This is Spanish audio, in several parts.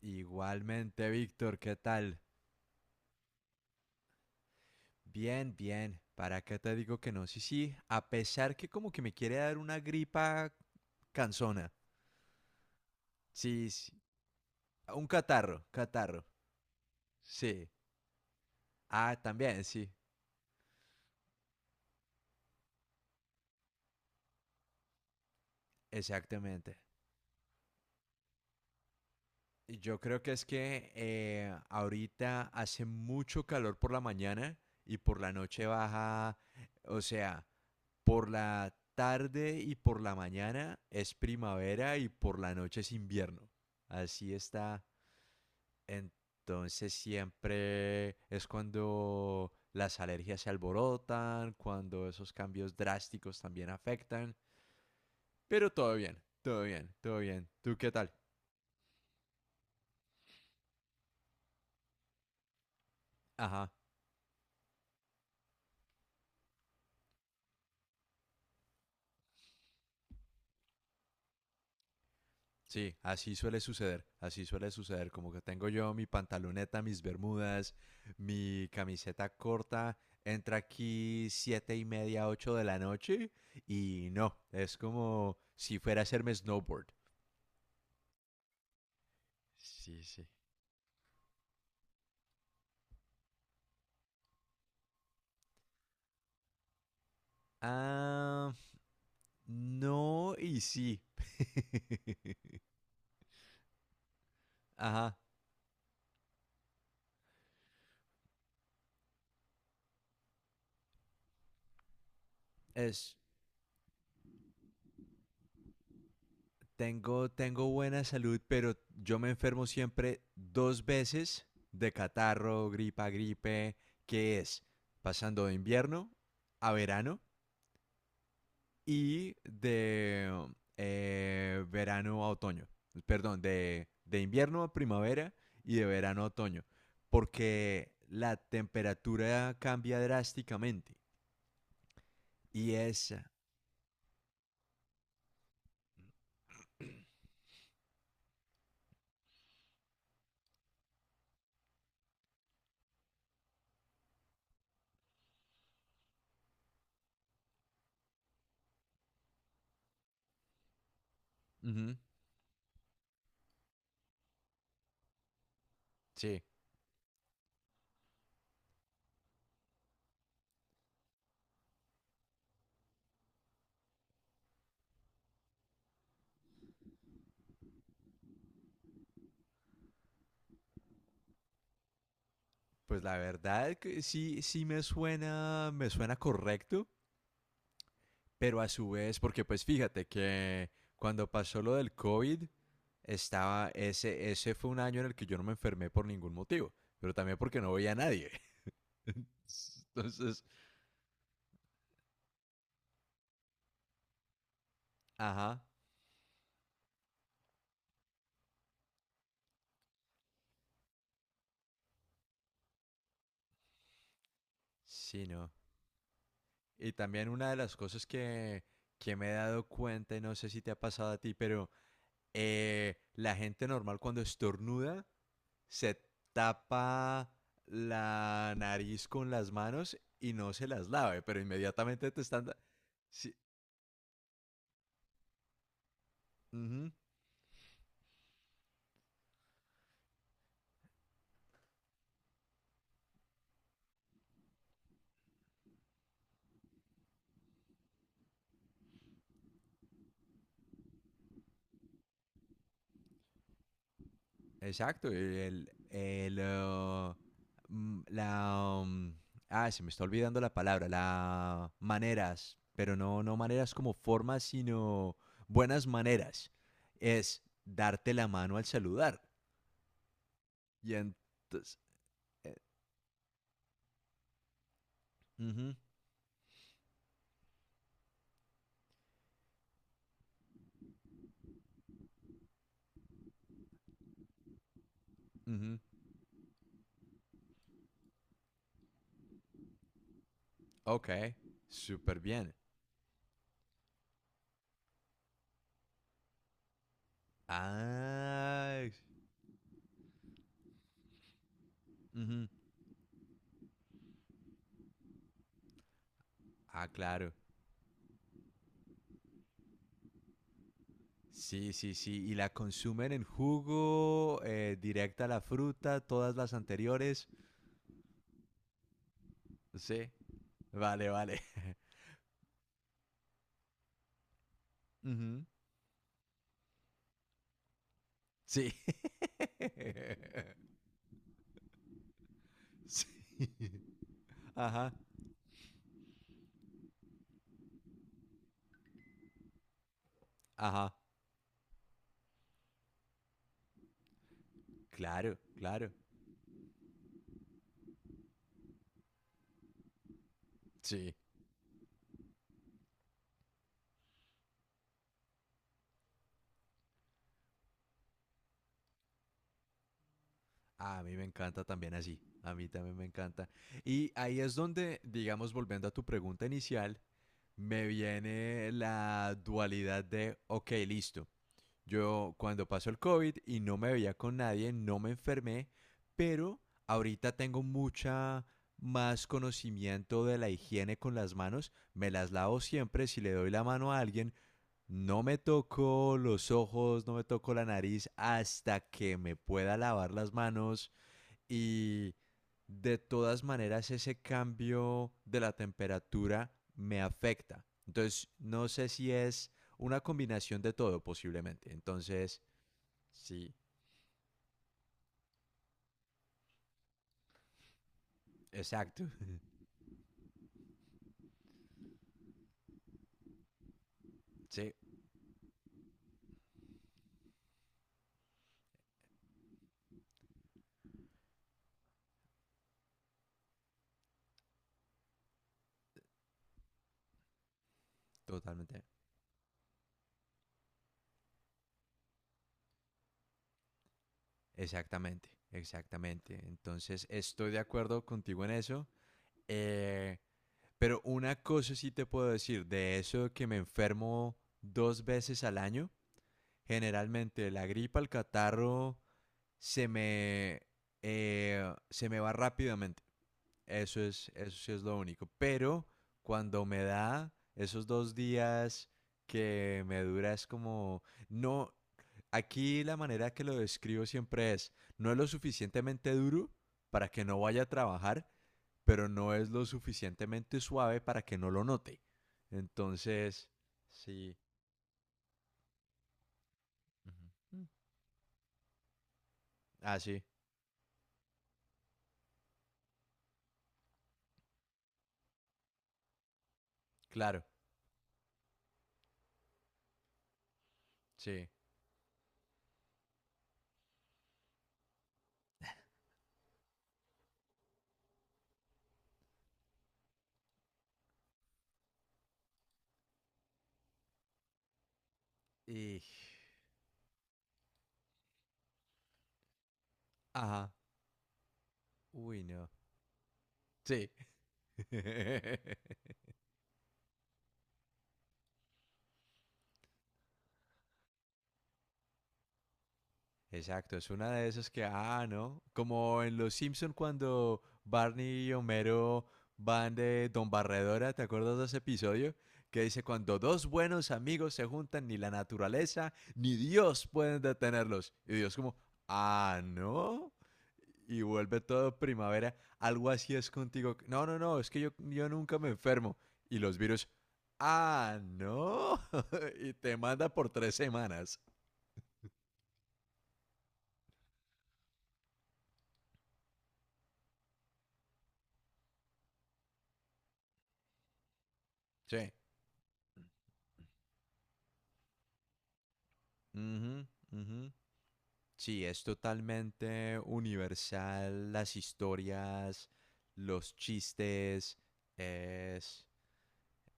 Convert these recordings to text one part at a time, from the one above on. Igualmente, Víctor, ¿qué tal? Bien, bien. ¿Para qué te digo que no? Sí, sí, a pesar que como que me quiere dar una gripa canzona. Sí, sí. Un catarro, catarro. Sí. Ah, también, sí. Exactamente. Y yo creo que es que ahorita hace mucho calor por la mañana y por la noche baja, o sea, por la tarde y por la mañana es primavera y por la noche es invierno. Así está. Entonces siempre es cuando las alergias se alborotan, cuando esos cambios drásticos también afectan. Pero todo bien, todo bien, todo bien. ¿Tú qué tal? Ajá. Sí, así suele suceder, como que tengo yo mi pantaloneta, mis bermudas, mi camiseta corta, entra aquí 7:30, 8 de la noche y no, es como si fuera a hacerme snowboard. Sí, sí. Ah, no y sí. Ajá, es Tengo, tengo buena salud, pero yo me enfermo siempre dos veces de catarro, gripa, gripe, que es pasando de invierno a verano y de verano a otoño. Perdón, de invierno a primavera y de verano a otoño. Porque la temperatura cambia drásticamente. Y es... Ujú, sí, pues la verdad que sí, sí me suena correcto. Pero a su vez, porque pues fíjate que cuando pasó lo del COVID, ese fue un año en el que yo no me enfermé por ningún motivo, pero también porque no veía a nadie. Entonces, ajá, sí, no. Y también una de las cosas que me he dado cuenta, y no sé si te ha pasado a ti, pero la gente normal cuando estornuda se tapa la nariz con las manos y no se las lave, pero inmediatamente Sí. Ujú. Exacto, el, mm, la, um, ah, se me está olvidando la palabra, la maneras, pero no, no maneras como formas, sino buenas maneras. Es darte la mano al saludar. Y entonces, eh, ujú, ujú, ok, súper bien. Ah, ujú, ah, claro. Sí, sí, sí. Y la consumen en jugo, directa a la fruta, todas las anteriores. Sí, vale, vale. Ujú. Sí. Sí. Ajá, ajá. Claro, claro. Sí. A mí me encanta también así. A mí también me encanta. Y ahí es donde, digamos, volviendo a tu pregunta inicial, me viene la dualidad de, ok, listo. Yo cuando pasó el COVID y no me veía con nadie, no me enfermé, pero ahorita tengo mucha más conocimiento de la higiene con las manos. Me las lavo siempre si le doy la mano a alguien. No me toco los ojos, no me toco la nariz hasta que me pueda lavar las manos y de todas maneras ese cambio de la temperatura me afecta. Entonces, no sé si es una combinación de todo posiblemente. Entonces, sí, exacto. Sí, totalmente. Exactamente, exactamente. Entonces, estoy de acuerdo contigo en eso. Eh, pero una cosa sí te puedo decir, de eso que me enfermo dos veces al año, generalmente la gripa, el catarro se me, se me va rápidamente. Eso es, eso sí es lo único. Pero cuando me da esos 2 días que me dura es como, no, aquí la manera que lo describo siempre es, no es lo suficientemente duro para que no vaya a trabajar, pero no es lo suficientemente suave para que no lo note. Entonces, sí. Ujú. Mm. Ah, sí, claro, sí. Y... Ajá, uy, no. Sí. Exacto, es una de esas que, ah, ¿no? Como en Los Simpson cuando Barney y Homero van de Don Barredora, ¿te acuerdas de ese episodio? Que dice, cuando dos buenos amigos se juntan, ni la naturaleza ni Dios pueden detenerlos. Y Dios como, ah, ¿no? Y vuelve todo primavera, algo así es contigo. No, no, no, es que yo nunca me enfermo. Y los virus, ah, ¿no? y te manda por 3 semanas. Sí. Ujú, ujú. Sí, es totalmente universal. Las historias, los chistes. Es...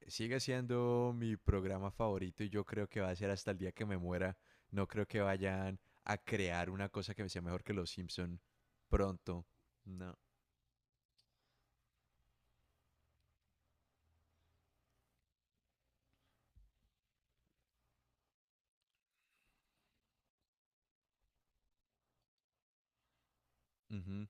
Sigue siendo mi programa favorito y yo creo que va a ser hasta el día que me muera. No creo que vayan a crear una cosa que sea mejor que Los Simpson pronto. No. Ujú.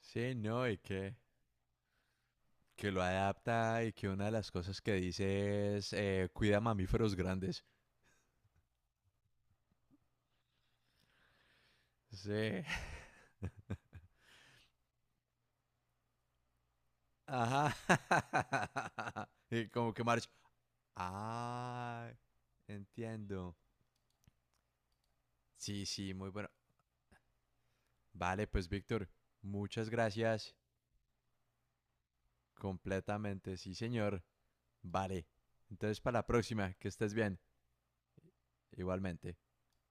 Sí, no, y que lo adapta y que una de las cosas que dice es cuida mamíferos grandes. Sí. Ajá. Y como que marcha. Ah, entiendo. Sí, sí, muy bueno. Vale, pues Víctor, muchas gracias. Completamente, sí, señor. Vale. Entonces, para la próxima, que estés bien. Igualmente.